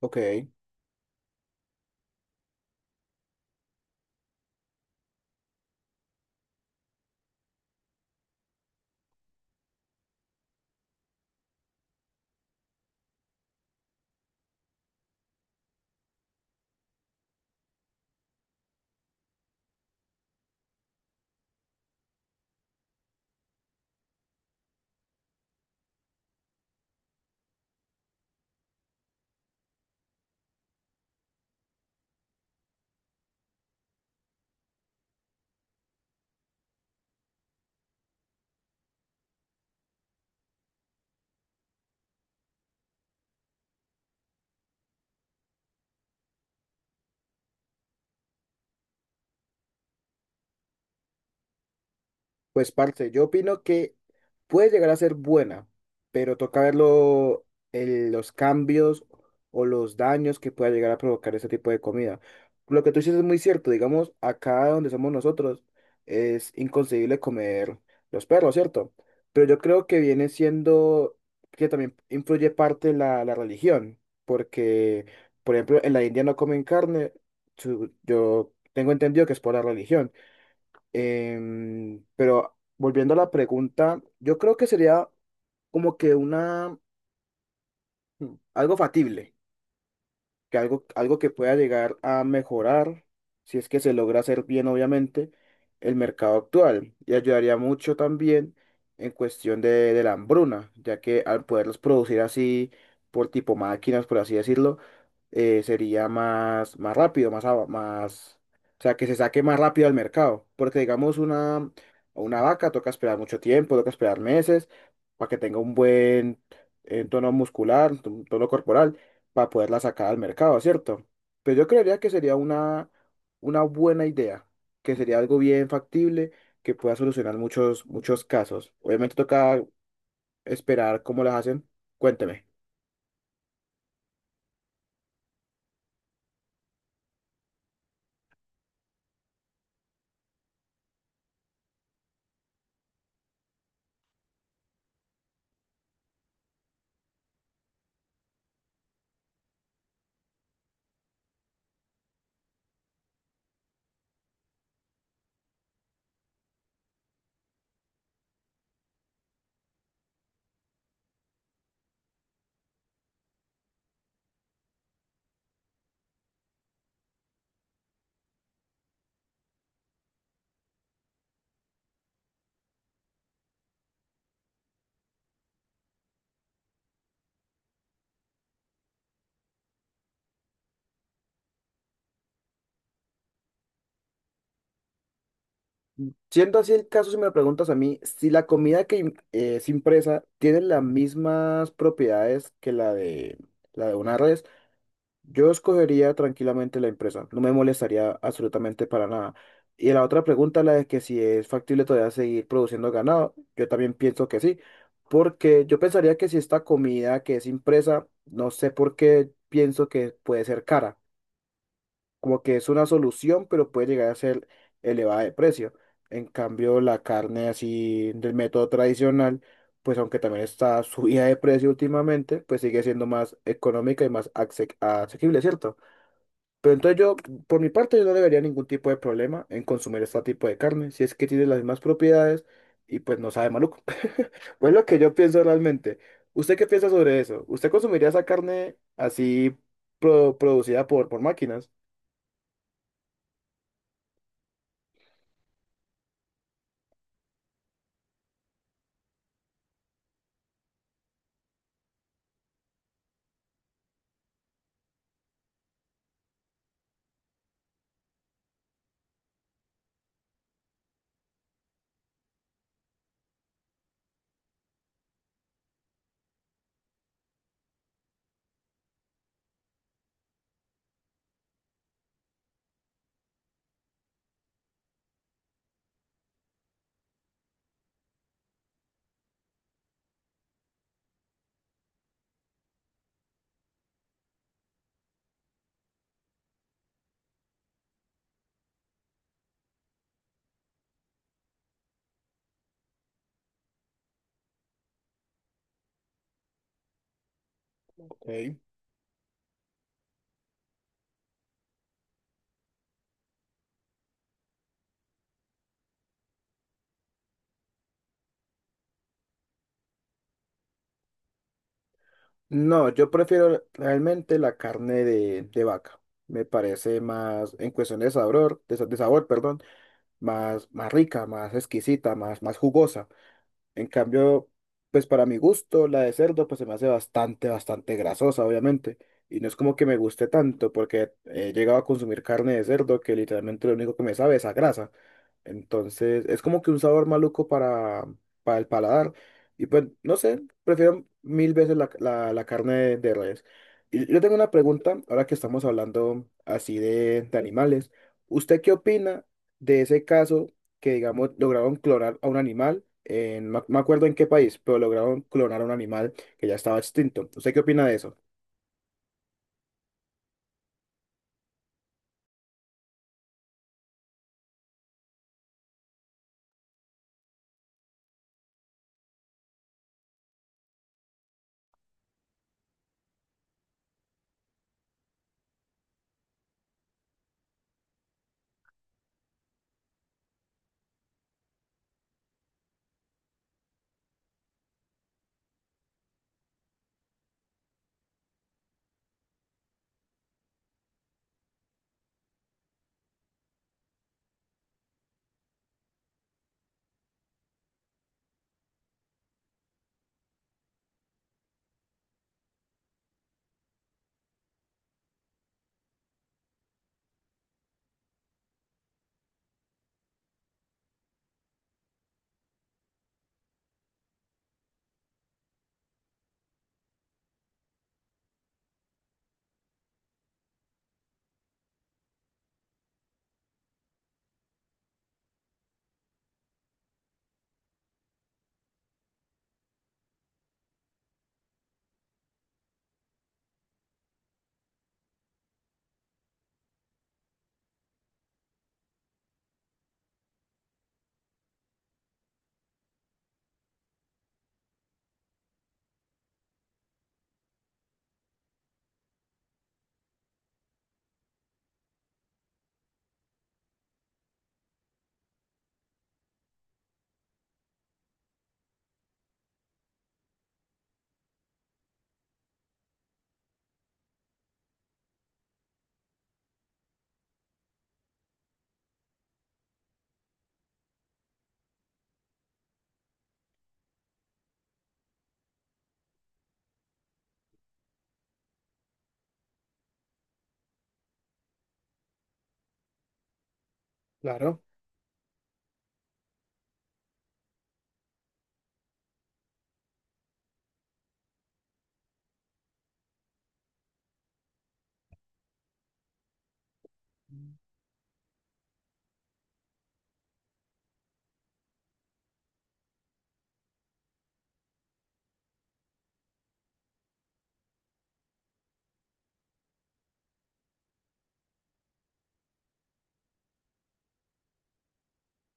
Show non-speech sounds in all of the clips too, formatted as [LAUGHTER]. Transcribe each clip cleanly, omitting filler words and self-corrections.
Ok, pues parce, yo opino que puede llegar a ser buena, pero toca verlo los cambios o los daños que pueda llegar a provocar ese tipo de comida. Lo que tú dices es muy cierto, digamos, acá donde somos nosotros es inconcebible comer los perros, ¿cierto? Pero yo creo que viene siendo que también influye parte la religión, porque, por ejemplo, en la India no comen carne, yo tengo entendido que es por la religión. Pero volviendo a la pregunta, yo creo que sería como que una, algo factible que algo que pueda llegar a mejorar, si es que se logra hacer bien, obviamente, el mercado actual. Y ayudaría mucho también en cuestión de la hambruna, ya que al poderlos producir así, por tipo máquinas, por así decirlo, sería más rápido, más, o sea, que se saque más rápido al mercado. Porque digamos una vaca toca esperar mucho tiempo, toca esperar meses para que tenga un buen tono muscular, un tono corporal para poderla sacar al mercado, ¿cierto? Pero yo creería que sería una buena idea, que sería algo bien factible, que pueda solucionar muchos casos. Obviamente toca esperar cómo las hacen. Cuénteme. Siendo así el caso, si me lo preguntas a mí, si la comida es impresa tiene las mismas propiedades que la de una red, yo escogería tranquilamente la empresa, no me molestaría absolutamente para nada. Y la otra pregunta, la de que si es factible todavía seguir produciendo ganado, yo también pienso que sí, porque yo pensaría que si esta comida que es impresa, no sé por qué pienso que puede ser cara, como que es una solución, pero puede llegar a ser elevada de precio. En cambio, la carne así del método tradicional, pues aunque también está [LAUGHS] subida de precio últimamente, pues sigue siendo más económica y más asequible, ¿cierto? Pero entonces yo, por mi parte, yo no le vería ningún tipo de problema en consumir este tipo de carne, si es que tiene las mismas propiedades y pues no sabe maluco. [LAUGHS] Pues lo que yo pienso realmente. ¿Usted qué piensa sobre eso? ¿Usted consumiría esa carne así producida por máquinas? Ok. No, yo prefiero realmente la carne de vaca. Me parece más, en cuestión de sabor, de sabor, perdón, más rica, más exquisita, más jugosa. En cambio, pues para mi gusto, la de cerdo pues se me hace bastante grasosa, obviamente. Y no es como que me guste tanto, porque he llegado a consumir carne de cerdo que literalmente lo único que me sabe es a grasa. Entonces, es como que un sabor maluco para el paladar. Y pues, no sé, prefiero mil veces la carne de res. Y yo tengo una pregunta, ahora que estamos hablando así de animales. ¿Usted qué opina de ese caso? Que, digamos, lograron clonar a un animal, en, no me acuerdo en qué país, pero lograron clonar a un animal que ya estaba extinto. ¿Usted qué opina de eso? Claro.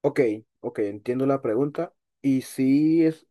Ok, ok, entiendo la pregunta. Y sí, es,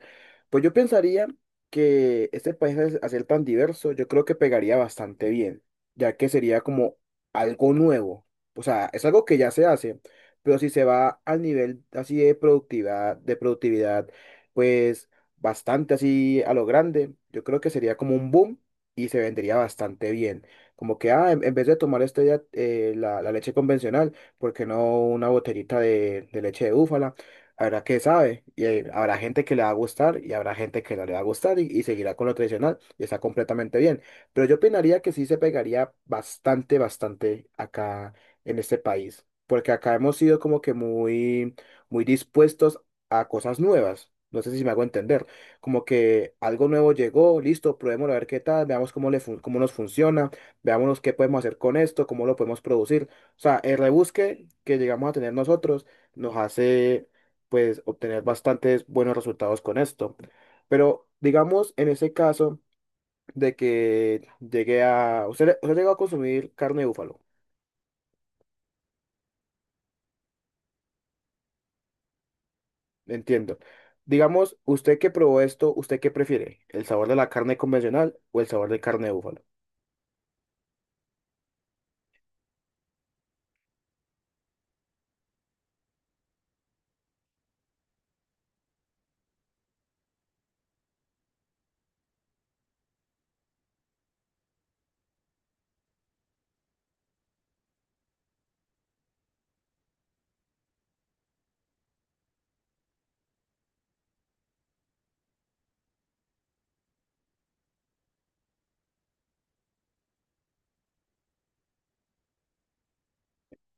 pues yo pensaría que este país hacer tan diverso, yo creo que pegaría bastante bien, ya que sería como algo nuevo. O sea, es algo que ya se hace, pero si se va al nivel así de productividad, pues bastante así a lo grande, yo creo que sería como un boom y se vendería bastante bien. Como que, ah, en vez de tomar este, ya, la leche convencional, ¿por qué no una botellita de leche de búfala? Habrá que sabe, y habrá gente que le va a gustar y habrá gente que no le va a gustar y seguirá con lo tradicional y está completamente bien. Pero yo opinaría que sí se pegaría bastante acá en este país, porque acá hemos sido como que muy dispuestos a cosas nuevas. No sé si me hago entender, como que algo nuevo llegó, listo, probémoslo a ver qué tal, veamos cómo, cómo nos funciona, veamos qué podemos hacer con esto, cómo lo podemos producir. O sea, el rebusque que llegamos a tener nosotros nos hace pues obtener bastantes buenos resultados con esto. Pero digamos en ese caso de que llegué a, usted llegó a consumir carne de búfalo, entiendo. Digamos, usted que probó esto, ¿usted qué prefiere? ¿El sabor de la carne convencional o el sabor de carne de búfalo?